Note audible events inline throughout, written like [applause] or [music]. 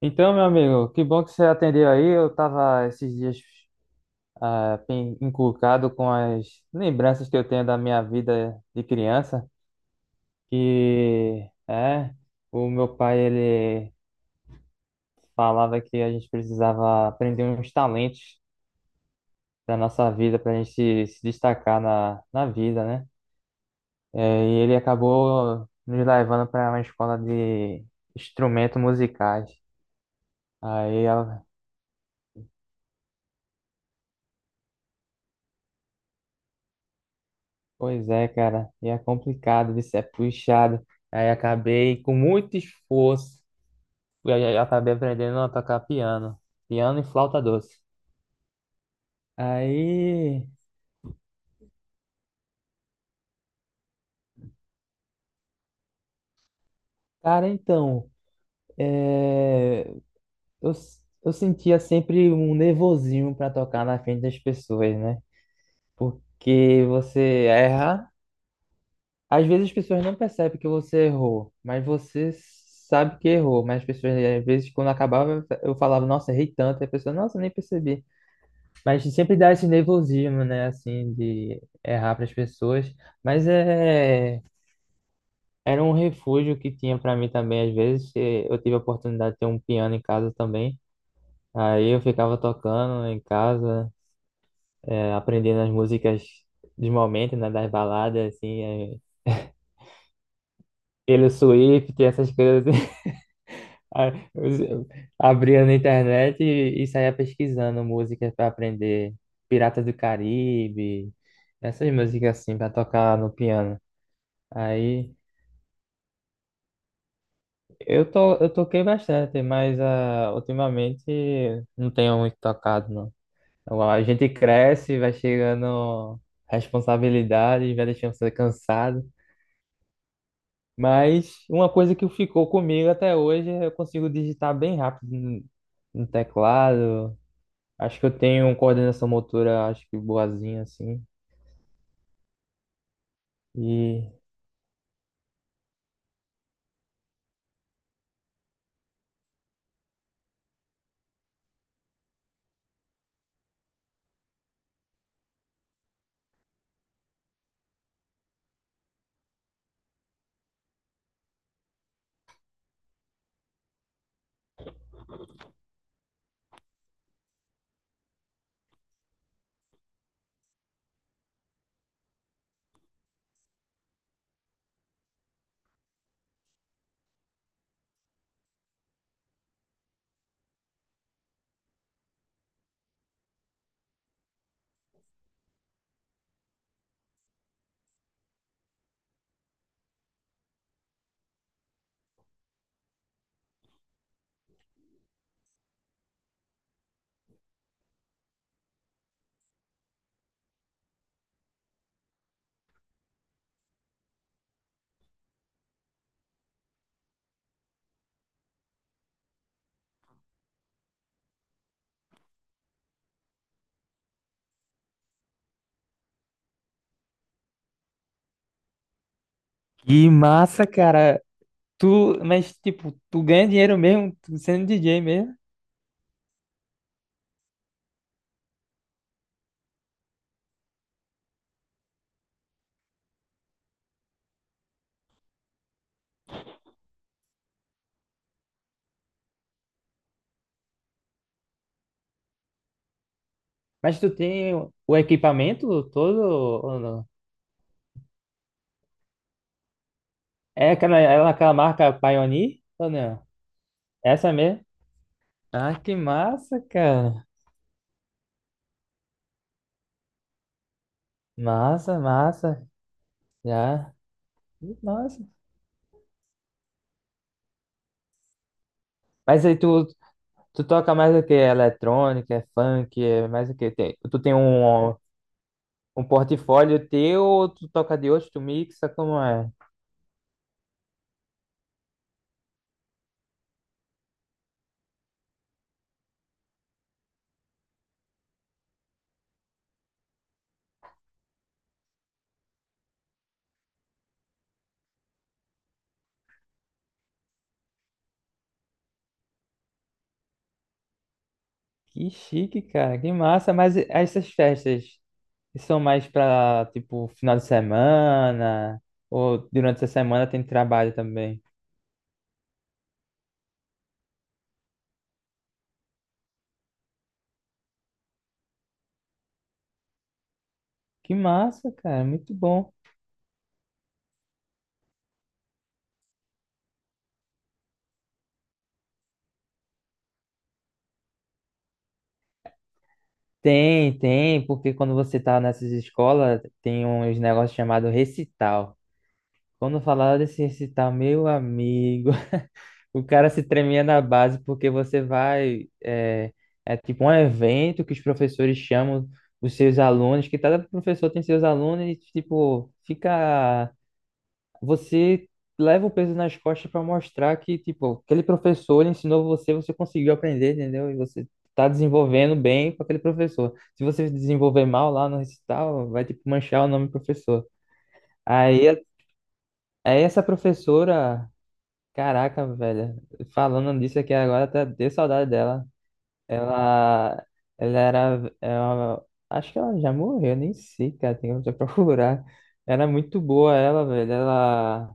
Então, meu amigo, que bom que você atendeu aí. Eu tava esses dias encucado com as lembranças que eu tenho da minha vida de criança, que é, o meu pai ele falava que a gente precisava aprender uns talentos da nossa vida para a gente se destacar na vida, né? É, e ele acabou nos levando para uma escola de instrumentos musicais. Aí pois é, cara, e é complicado, isso é puxado. Aí acabei com muito esforço, eu já acabei aprendendo a tocar piano, piano e flauta doce. Aí, cara, então, é, eu sentia sempre um nervosinho para tocar na frente das pessoas, né? Porque você erra, às vezes as pessoas não percebem que você errou, mas você sabe que errou. Mas as pessoas, às vezes, quando acabava, eu falava, nossa, errei tanto, e a pessoa, nossa, nem percebi. Mas sempre dá esse nervosismo, né? Assim, de errar para as pessoas. Mas é, era um refúgio que tinha para mim também. Às vezes eu tive a oportunidade de ter um piano em casa também. Aí eu ficava tocando em casa, aprendendo as músicas de momento, né? Das baladas, assim, pelo Swift, essas coisas. [laughs] Aí eu abria na internet e saía pesquisando músicas para aprender. Pirata do Caribe, essas músicas assim, para tocar no piano. Aí eu toquei bastante, mas ultimamente não tenho muito tocado, não. Então, a gente cresce, vai chegando responsabilidade, vai deixando você cansado. Mas uma coisa que ficou comigo até hoje, é eu consigo digitar bem rápido no teclado. Acho que eu tenho coordenação motora, acho que boazinha, assim. E, e massa, cara. Tu, mas tipo, tu ganha dinheiro mesmo, tu sendo DJ mesmo. Mas tu tem o equipamento todo ou não? É aquela marca Pioneer ou não? Essa mesmo? Ah, que massa, cara. Massa, massa. Já. Que massa. Mas aí tu, tu toca mais o quê? Eletrônica, é funk, é mais o quê? Tem, tu tem um, um portfólio teu ou tu toca de outro, tu mixa, como é? Que chique, cara. Que massa. Mas essas festas? E são mais pra, tipo, final de semana, ou durante essa semana tem trabalho também. Que massa, cara, muito bom. Tem, tem, porque quando você tá nessas escolas, tem uns negócios chamados recital. Quando falaram desse recital, meu amigo, [laughs] o cara se tremia na base, porque você vai, é, é tipo um evento que os professores chamam os seus alunos, que cada professor tem seus alunos, e, tipo, fica você leva o peso nas costas para mostrar que, tipo, aquele professor ele ensinou você, você conseguiu aprender, entendeu? E você tá desenvolvendo bem com aquele professor. Se você desenvolver mal lá no recital, vai, tipo, manchar o nome do professor. Aí, aí essa professora, caraca, velho, falando disso aqui agora, até deu saudade dela. Ela, ela era, ela- Acho que ela já morreu, nem sei, cara, tem que [laughs] procurar. Era muito boa ela, velho. Ela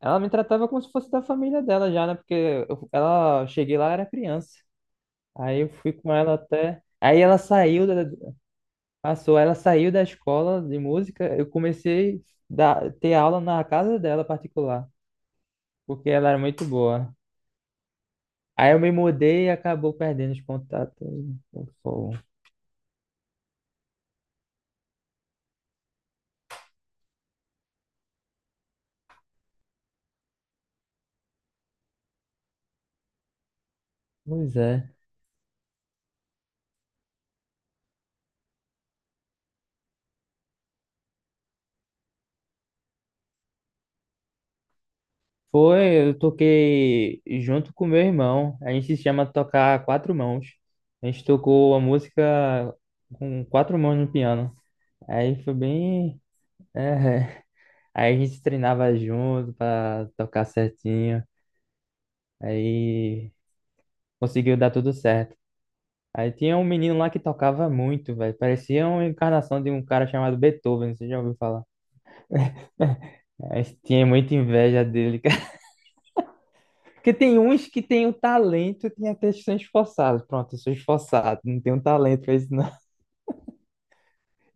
Ela me tratava como se fosse da família dela já, né? Porque eu- ela eu cheguei lá, era criança. Aí eu fui com ela até. Aí ela saiu, da, passou, ela saiu da escola de música. Eu comecei a ter aula na casa dela particular, porque ela era muito boa. Aí eu me mudei e acabou perdendo os contatos. Pô, pois é. Foi, eu toquei junto com meu irmão. A gente se chama tocar quatro mãos. A gente tocou a música com quatro mãos no piano. Aí foi bem. é, [laughs] Aí a gente treinava junto pra tocar certinho. Aí conseguiu dar tudo certo. Aí tinha um menino lá que tocava muito, velho. Parecia uma encarnação de um cara chamado Beethoven, você já ouviu falar? Aí tinha muita inveja dele. Porque tem uns que tem o talento e tem até que são esforçados. Pronto, eu sou esforçado, não tenho talento pra isso não.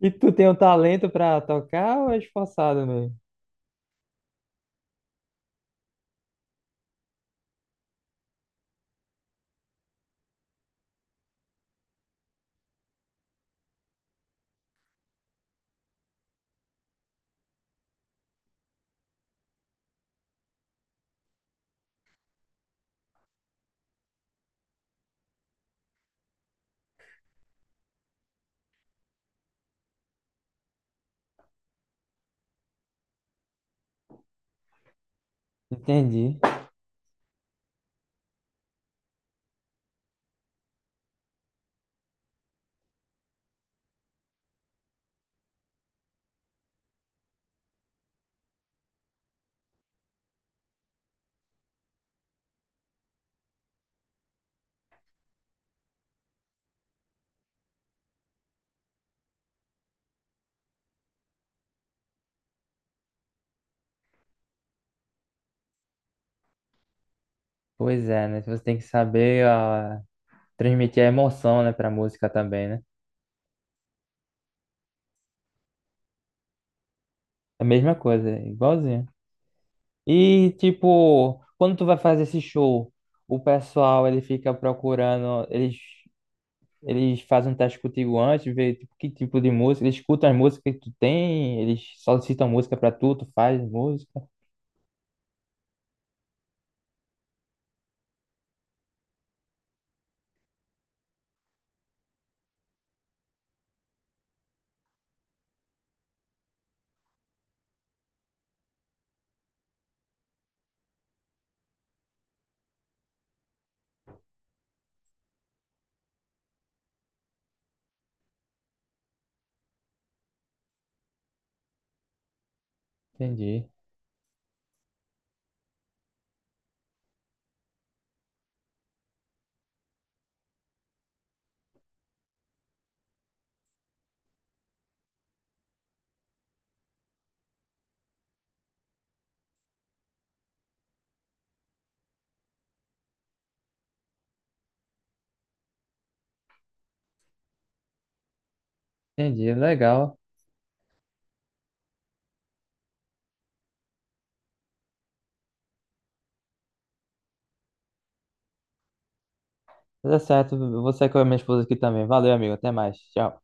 E tu tem o talento pra tocar ou é esforçado mesmo? Entendi. Pois é, né? Você tem que saber transmitir a emoção, né, pra música também, né? É a mesma coisa, é igualzinho. E, tipo, quando tu vai fazer esse show, o pessoal, ele fica procurando, eles fazem um teste contigo antes, vê tipo, que tipo de música, eles escutam as músicas que tu tem, eles solicitam música pra tu, tu faz música. Entendi, entendi, legal. Tá certo, eu vou sair com a minha esposa aqui também. Valeu, amigo, até mais. Tchau.